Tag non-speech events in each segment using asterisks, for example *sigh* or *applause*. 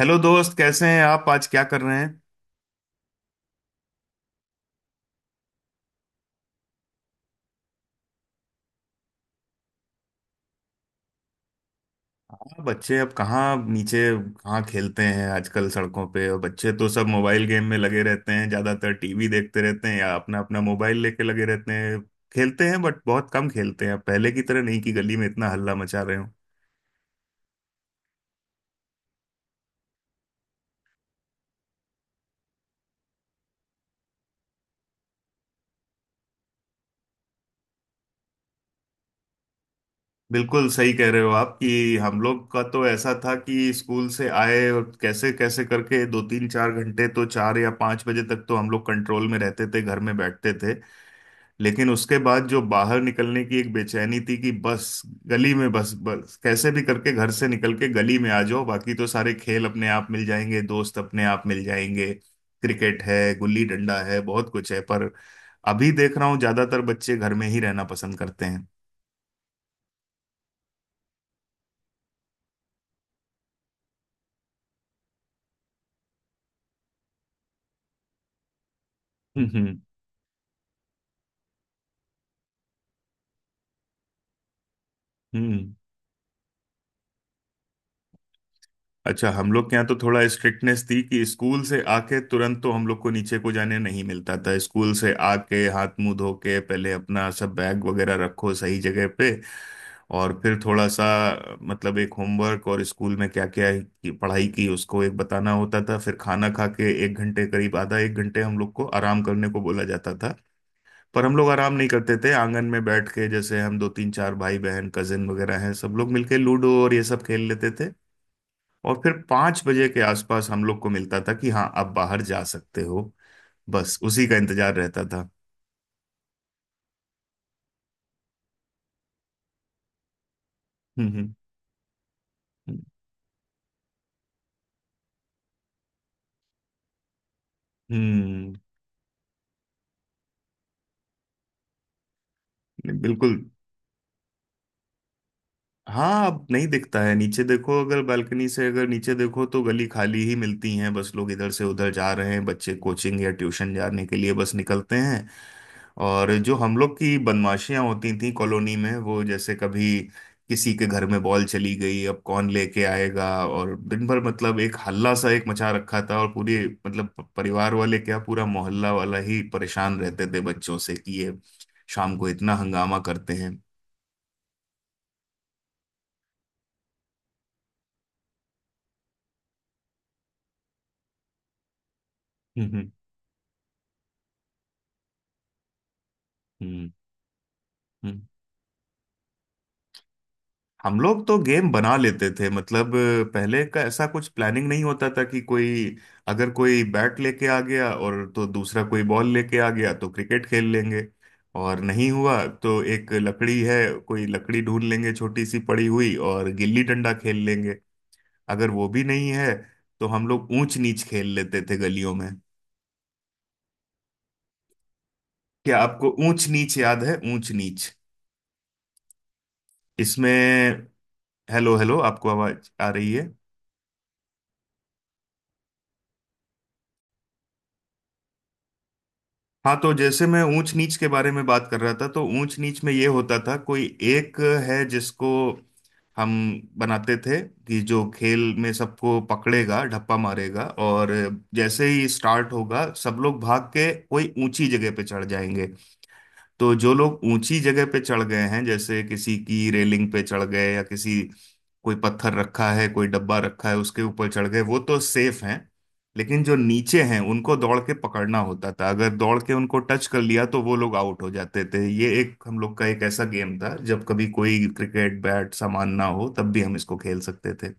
Hello दोस्त, कैसे हैं आप? आज क्या कर रहे हैं? हाँ, बच्चे अब कहाँ नीचे, कहाँ खेलते हैं आजकल सड़कों पे। और बच्चे तो सब मोबाइल गेम में लगे रहते हैं, ज्यादातर टीवी देखते रहते हैं या अपना अपना मोबाइल लेके लगे रहते हैं। खेलते हैं बट बहुत कम खेलते हैं अब, पहले की तरह नहीं कि गली में इतना हल्ला मचा रहे हो। बिल्कुल सही कह रहे हो आप कि हम लोग का तो ऐसा था कि स्कूल से आए और कैसे कैसे करके दो तीन चार घंटे तो, 4 या 5 बजे तक तो हम लोग कंट्रोल में रहते थे, घर में बैठते थे। लेकिन उसके बाद जो बाहर निकलने की एक बेचैनी थी कि बस गली में, बस बस कैसे भी करके घर से निकल के गली में आ जाओ, बाकी तो सारे खेल अपने आप मिल जाएंगे, दोस्त अपने आप मिल जाएंगे। क्रिकेट है, गुल्ली डंडा है, बहुत कुछ है, पर अभी देख रहा हूँ ज्यादातर बच्चे घर में ही रहना पसंद करते हैं। हम्म। हम्म। अच्छा, हम लोग के यहाँ तो थोड़ा स्ट्रिक्टनेस थी कि स्कूल से आके तुरंत तो हम लोग को नीचे को जाने नहीं मिलता था। स्कूल से आके हाथ मुंह धो के पहले अपना सब बैग वगैरह रखो सही जगह पे। और फिर थोड़ा सा मतलब एक होमवर्क और स्कूल में क्या क्या पढ़ाई की उसको एक बताना होता था। फिर खाना खा के एक घंटे करीब, आधा एक घंटे, हम लोग को आराम करने को बोला जाता था। पर हम लोग आराम नहीं करते थे, आंगन में बैठ के, जैसे हम दो तीन चार भाई बहन कजिन वगैरह हैं, सब लोग मिलके लूडो और ये सब खेल लेते थे। और फिर 5 बजे के आसपास हम लोग को मिलता था कि हाँ, अब बाहर जा सकते हो। बस उसी का इंतजार रहता था। हम्म। हम्म। हम्म, बिल्कुल। हाँ, अब नहीं दिखता है। नीचे देखो अगर बालकनी से, अगर नीचे देखो तो गली खाली ही मिलती हैं, बस लोग इधर से उधर जा रहे हैं, बच्चे कोचिंग या ट्यूशन जाने के लिए बस निकलते हैं। और जो हम लोग की बदमाशियां होती थी कॉलोनी में, वो जैसे कभी किसी के घर में बॉल चली गई, अब कौन लेके आएगा, और दिन भर मतलब एक हल्ला सा एक मचा रखा था। और पूरे मतलब परिवार वाले क्या, पूरा मोहल्ला वाला ही परेशान रहते थे बच्चों से कि ये शाम को इतना हंगामा करते हैं। हम्म। हम्म। हम्म, हम लोग तो गेम बना लेते थे, मतलब पहले का ऐसा कुछ प्लानिंग नहीं होता था कि कोई, अगर कोई बैट लेके आ गया और तो दूसरा कोई बॉल लेके आ गया तो क्रिकेट खेल लेंगे। और नहीं हुआ तो एक लकड़ी है, कोई लकड़ी ढूंढ लेंगे छोटी सी पड़ी हुई और गिल्ली डंडा खेल लेंगे। अगर वो भी नहीं है तो हम लोग ऊंच नीच खेल लेते थे गलियों में। क्या आपको ऊंच नीच याद है? ऊंच नीच, इसमें हेलो, हेलो, आपको आवाज आ रही है? हाँ, तो जैसे मैं ऊंच नीच के बारे में बात कर रहा था तो ऊंच नीच में ये होता था कोई एक है जिसको हम बनाते थे कि जो खेल में सबको पकड़ेगा, ढप्पा मारेगा। और जैसे ही स्टार्ट होगा सब लोग भाग के कोई ऊंची जगह पे चढ़ जाएंगे। तो जो लोग ऊंची जगह पे चढ़ गए हैं, जैसे किसी की रेलिंग पे चढ़ गए या किसी, कोई पत्थर रखा है, कोई डब्बा रखा है, उसके ऊपर चढ़ गए, वो तो सेफ हैं। लेकिन जो नीचे हैं उनको दौड़ के पकड़ना होता था, अगर दौड़ के उनको टच कर लिया तो वो लोग आउट हो जाते थे। ये एक हम लोग का एक ऐसा गेम था जब कभी कोई क्रिकेट बैट सामान ना हो तब भी हम इसको खेल सकते थे।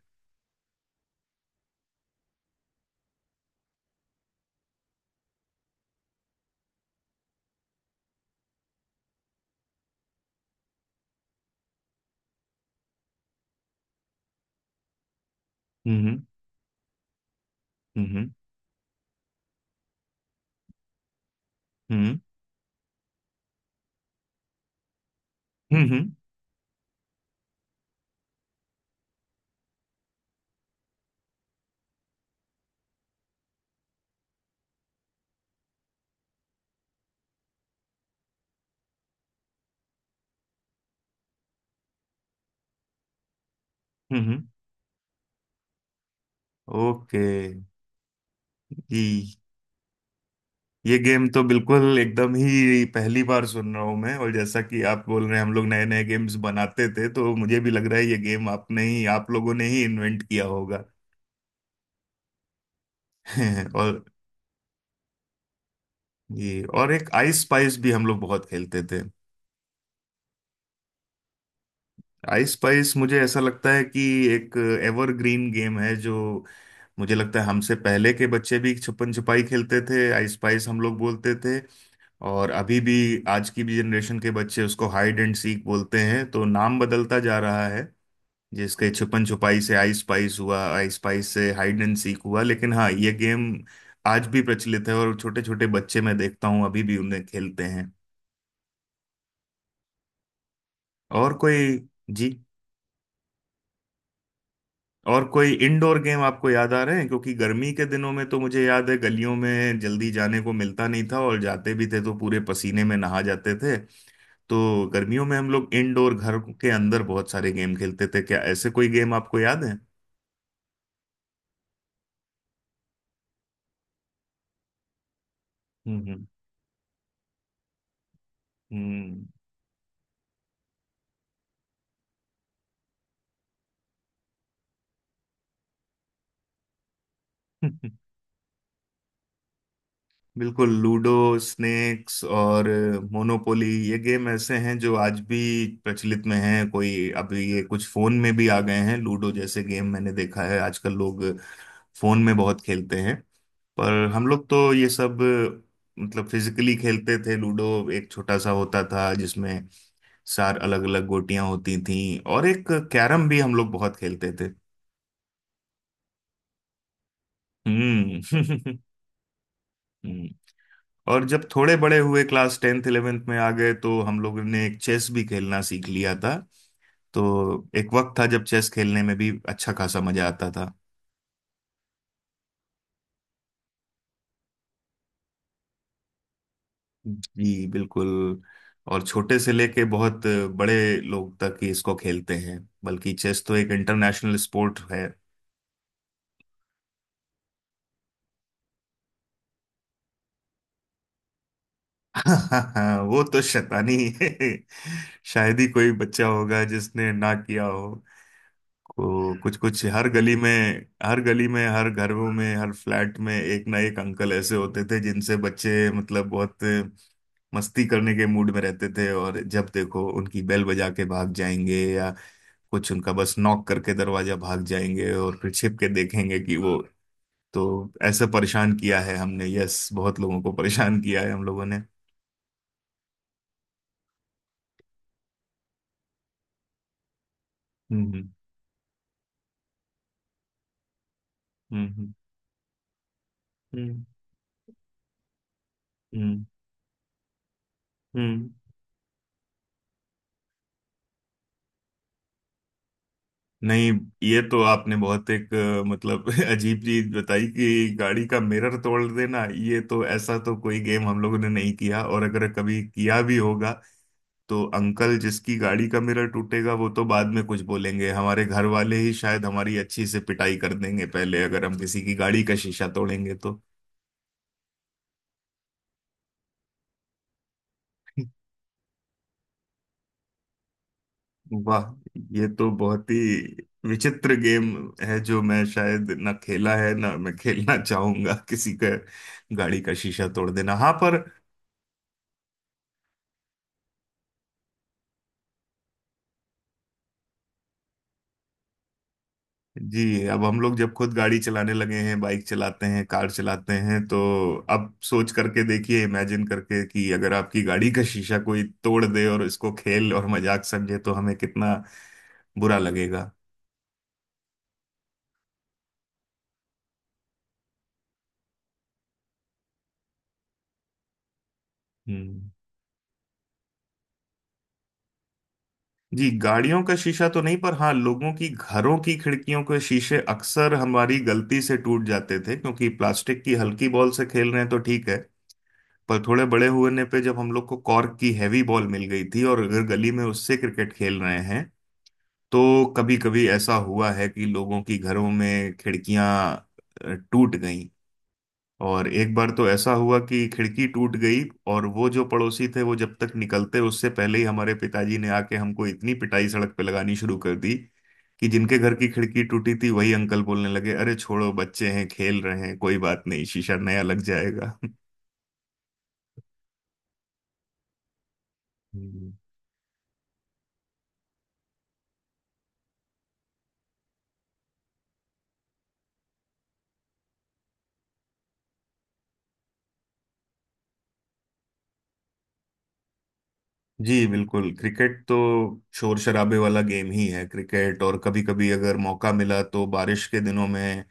हम्म। हम्म। हम्म। हम्म। हम्म। हम्म। हम्म। ओके। जी, ये गेम तो बिल्कुल एकदम ही पहली बार सुन रहा हूं मैं। और जैसा कि आप बोल रहे हैं हम लोग नए नए गेम्स बनाते थे, तो मुझे भी लग रहा है ये गेम आपने ही, आप लोगों ने ही इन्वेंट किया होगा। *laughs* और, ये और एक आइस स्पाइस भी हम लोग बहुत खेलते थे। आइस स्पाइस मुझे ऐसा लगता है कि एक एवरग्रीन गेम है, जो मुझे लगता है हमसे पहले के बच्चे भी छुपन छुपाई खेलते थे, आइस स्पाइस हम लोग बोलते थे। और अभी भी आज की भी जनरेशन के बच्चे उसको हाइड एंड सीक बोलते हैं। तो नाम बदलता जा रहा है। जिसके छुपन छुपाई से आई स्पाइस हुआ, आई स्पाइस से हाइड एंड सीक हुआ। लेकिन हाँ, ये गेम आज भी प्रचलित है और छोटे छोटे बच्चे मैं देखता हूँ अभी भी उन्हें खेलते हैं। और कोई? जी, और कोई इंडोर गेम आपको याद आ रहे हैं? क्योंकि गर्मी के दिनों में तो मुझे याद है गलियों में जल्दी जाने को मिलता नहीं था और जाते भी थे तो पूरे पसीने में नहा जाते थे। तो गर्मियों में हम लोग इंडोर, घर के अंदर, बहुत सारे गेम खेलते थे। क्या ऐसे कोई गेम आपको याद है? हम्म। हम्म। हम्म। *laughs* बिल्कुल लूडो, स्नेक्स और मोनोपोली, ये गेम ऐसे हैं जो आज भी प्रचलित में हैं। कोई अभी, ये कुछ फोन में भी आ गए हैं, लूडो जैसे गेम मैंने देखा है आजकल लोग फोन में बहुत खेलते हैं। पर हम लोग तो ये सब मतलब फिजिकली खेलते थे। लूडो एक छोटा सा होता था जिसमें चार अलग अलग गोटियां होती थीं। और एक कैरम भी हम लोग बहुत खेलते थे। हम्म। *laughs* और जब थोड़े बड़े हुए, क्लास टेंथ इलेवेंथ में आ गए, तो हम लोगों ने एक चेस भी खेलना सीख लिया था। तो एक वक्त था जब चेस खेलने में भी अच्छा खासा मजा आता था। जी बिल्कुल, और छोटे से लेके बहुत बड़े लोग तक ही इसको खेलते हैं। बल्कि चेस तो एक इंटरनेशनल स्पोर्ट है। *laughs* वो तो शैतानी। *laughs* शायद ही कोई बच्चा होगा जिसने ना किया हो, को कुछ कुछ हर गली में। हर गली में, हर घरों में, हर फ्लैट में एक ना एक अंकल ऐसे होते थे जिनसे बच्चे मतलब बहुत मस्ती करने के मूड में रहते थे, और जब देखो उनकी बेल बजा के भाग जाएंगे या कुछ उनका बस नॉक करके दरवाजा भाग जाएंगे और फिर छिप के देखेंगे कि वो। तो ऐसे परेशान किया है हमने, यस, बहुत लोगों को परेशान किया है हम लोगों ने। हम्म। हम्म। हम्म। हम्म। हम्म। हम्म। नहीं, ये तो आपने बहुत एक मतलब *laughs* अजीब चीज बताई कि गाड़ी का मिरर तोड़ देना। ये तो ऐसा तो कोई गेम हम लोगों ने नहीं किया, और अगर कभी किया भी होगा तो अंकल, जिसकी गाड़ी का मिरर टूटेगा वो तो बाद में कुछ बोलेंगे, हमारे घर वाले ही शायद हमारी अच्छी से पिटाई कर देंगे पहले, अगर हम किसी की गाड़ी का शीशा तोड़ेंगे तो। वाह, ये तो बहुत ही विचित्र गेम है जो मैं शायद ना खेला है ना मैं खेलना *laughs* चाहूंगा, किसी का गाड़ी का शीशा तोड़ देना। हाँ, पर जी अब हम लोग जब खुद गाड़ी चलाने लगे हैं, बाइक चलाते हैं, कार चलाते हैं, तो अब सोच करके देखिए, इमेजिन करके, कि अगर आपकी गाड़ी का शीशा कोई तोड़ दे और इसको खेल और मजाक समझे तो हमें कितना बुरा लगेगा। हम्म। जी, गाड़ियों का शीशा तो नहीं, पर हाँ, लोगों की घरों की खिड़कियों के शीशे अक्सर हमारी गलती से टूट जाते थे क्योंकि प्लास्टिक की हल्की बॉल से खेल रहे हैं तो ठीक है। पर थोड़े बड़े होने पे जब हम लोग को कॉर्क की हैवी बॉल मिल गई थी, और अगर गली में उससे क्रिकेट खेल रहे हैं तो कभी कभी ऐसा हुआ है कि लोगों की घरों में खिड़कियां टूट गई। और एक बार तो ऐसा हुआ कि खिड़की टूट गई और वो जो पड़ोसी थे, वो जब तक निकलते उससे पहले ही हमारे पिताजी ने आके हमको इतनी पिटाई सड़क पे लगानी शुरू कर दी कि जिनके घर की खिड़की टूटी थी वही अंकल बोलने लगे, अरे छोड़ो, बच्चे हैं, खेल रहे हैं, कोई बात नहीं, शीशा नया लग जाएगा। हम्म। जी बिल्कुल, क्रिकेट तो शोर शराबे वाला गेम ही है, क्रिकेट। और कभी कभी अगर मौका मिला तो बारिश के दिनों में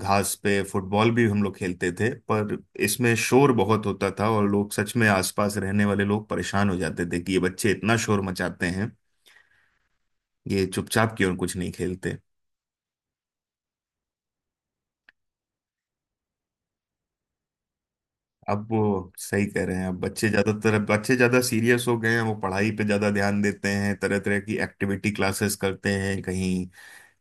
घास पे फुटबॉल भी हम लोग खेलते थे, पर इसमें शोर बहुत होता था और लोग, सच में आसपास रहने वाले लोग परेशान हो जाते थे कि ये बच्चे इतना शोर मचाते हैं, ये चुपचाप क्यों कुछ नहीं खेलते। अब वो सही कह रहे हैं, अब बच्चे ज्यादातर, अब बच्चे ज्यादा सीरियस हो गए हैं, वो पढ़ाई पे ज्यादा ध्यान देते हैं, तरह तरह की एक्टिविटी क्लासेस करते हैं, कहीं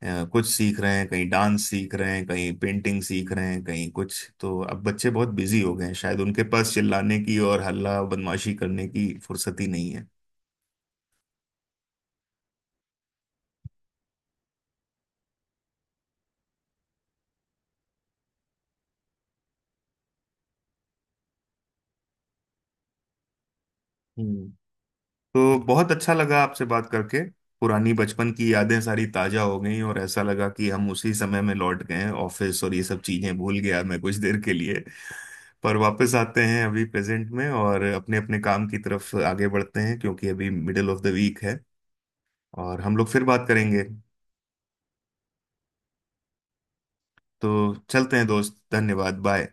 कुछ सीख रहे हैं, कहीं डांस सीख रहे हैं, कहीं पेंटिंग सीख रहे हैं, कहीं कुछ। तो अब बच्चे बहुत बिजी हो गए हैं, शायद उनके पास चिल्लाने की और हल्ला बदमाशी करने की फुर्सत ही नहीं है। हम्म। तो बहुत अच्छा लगा आपसे बात करके, पुरानी बचपन की यादें सारी ताजा हो गई और ऐसा लगा कि हम उसी समय में लौट गए हैं, ऑफिस और ये सब चीजें भूल गया मैं कुछ देर के लिए। पर वापस आते हैं अभी प्रेजेंट में, और अपने अपने काम की तरफ आगे बढ़ते हैं क्योंकि अभी मिडिल ऑफ द वीक है, और हम लोग फिर बात करेंगे। तो चलते हैं दोस्त, धन्यवाद, बाय।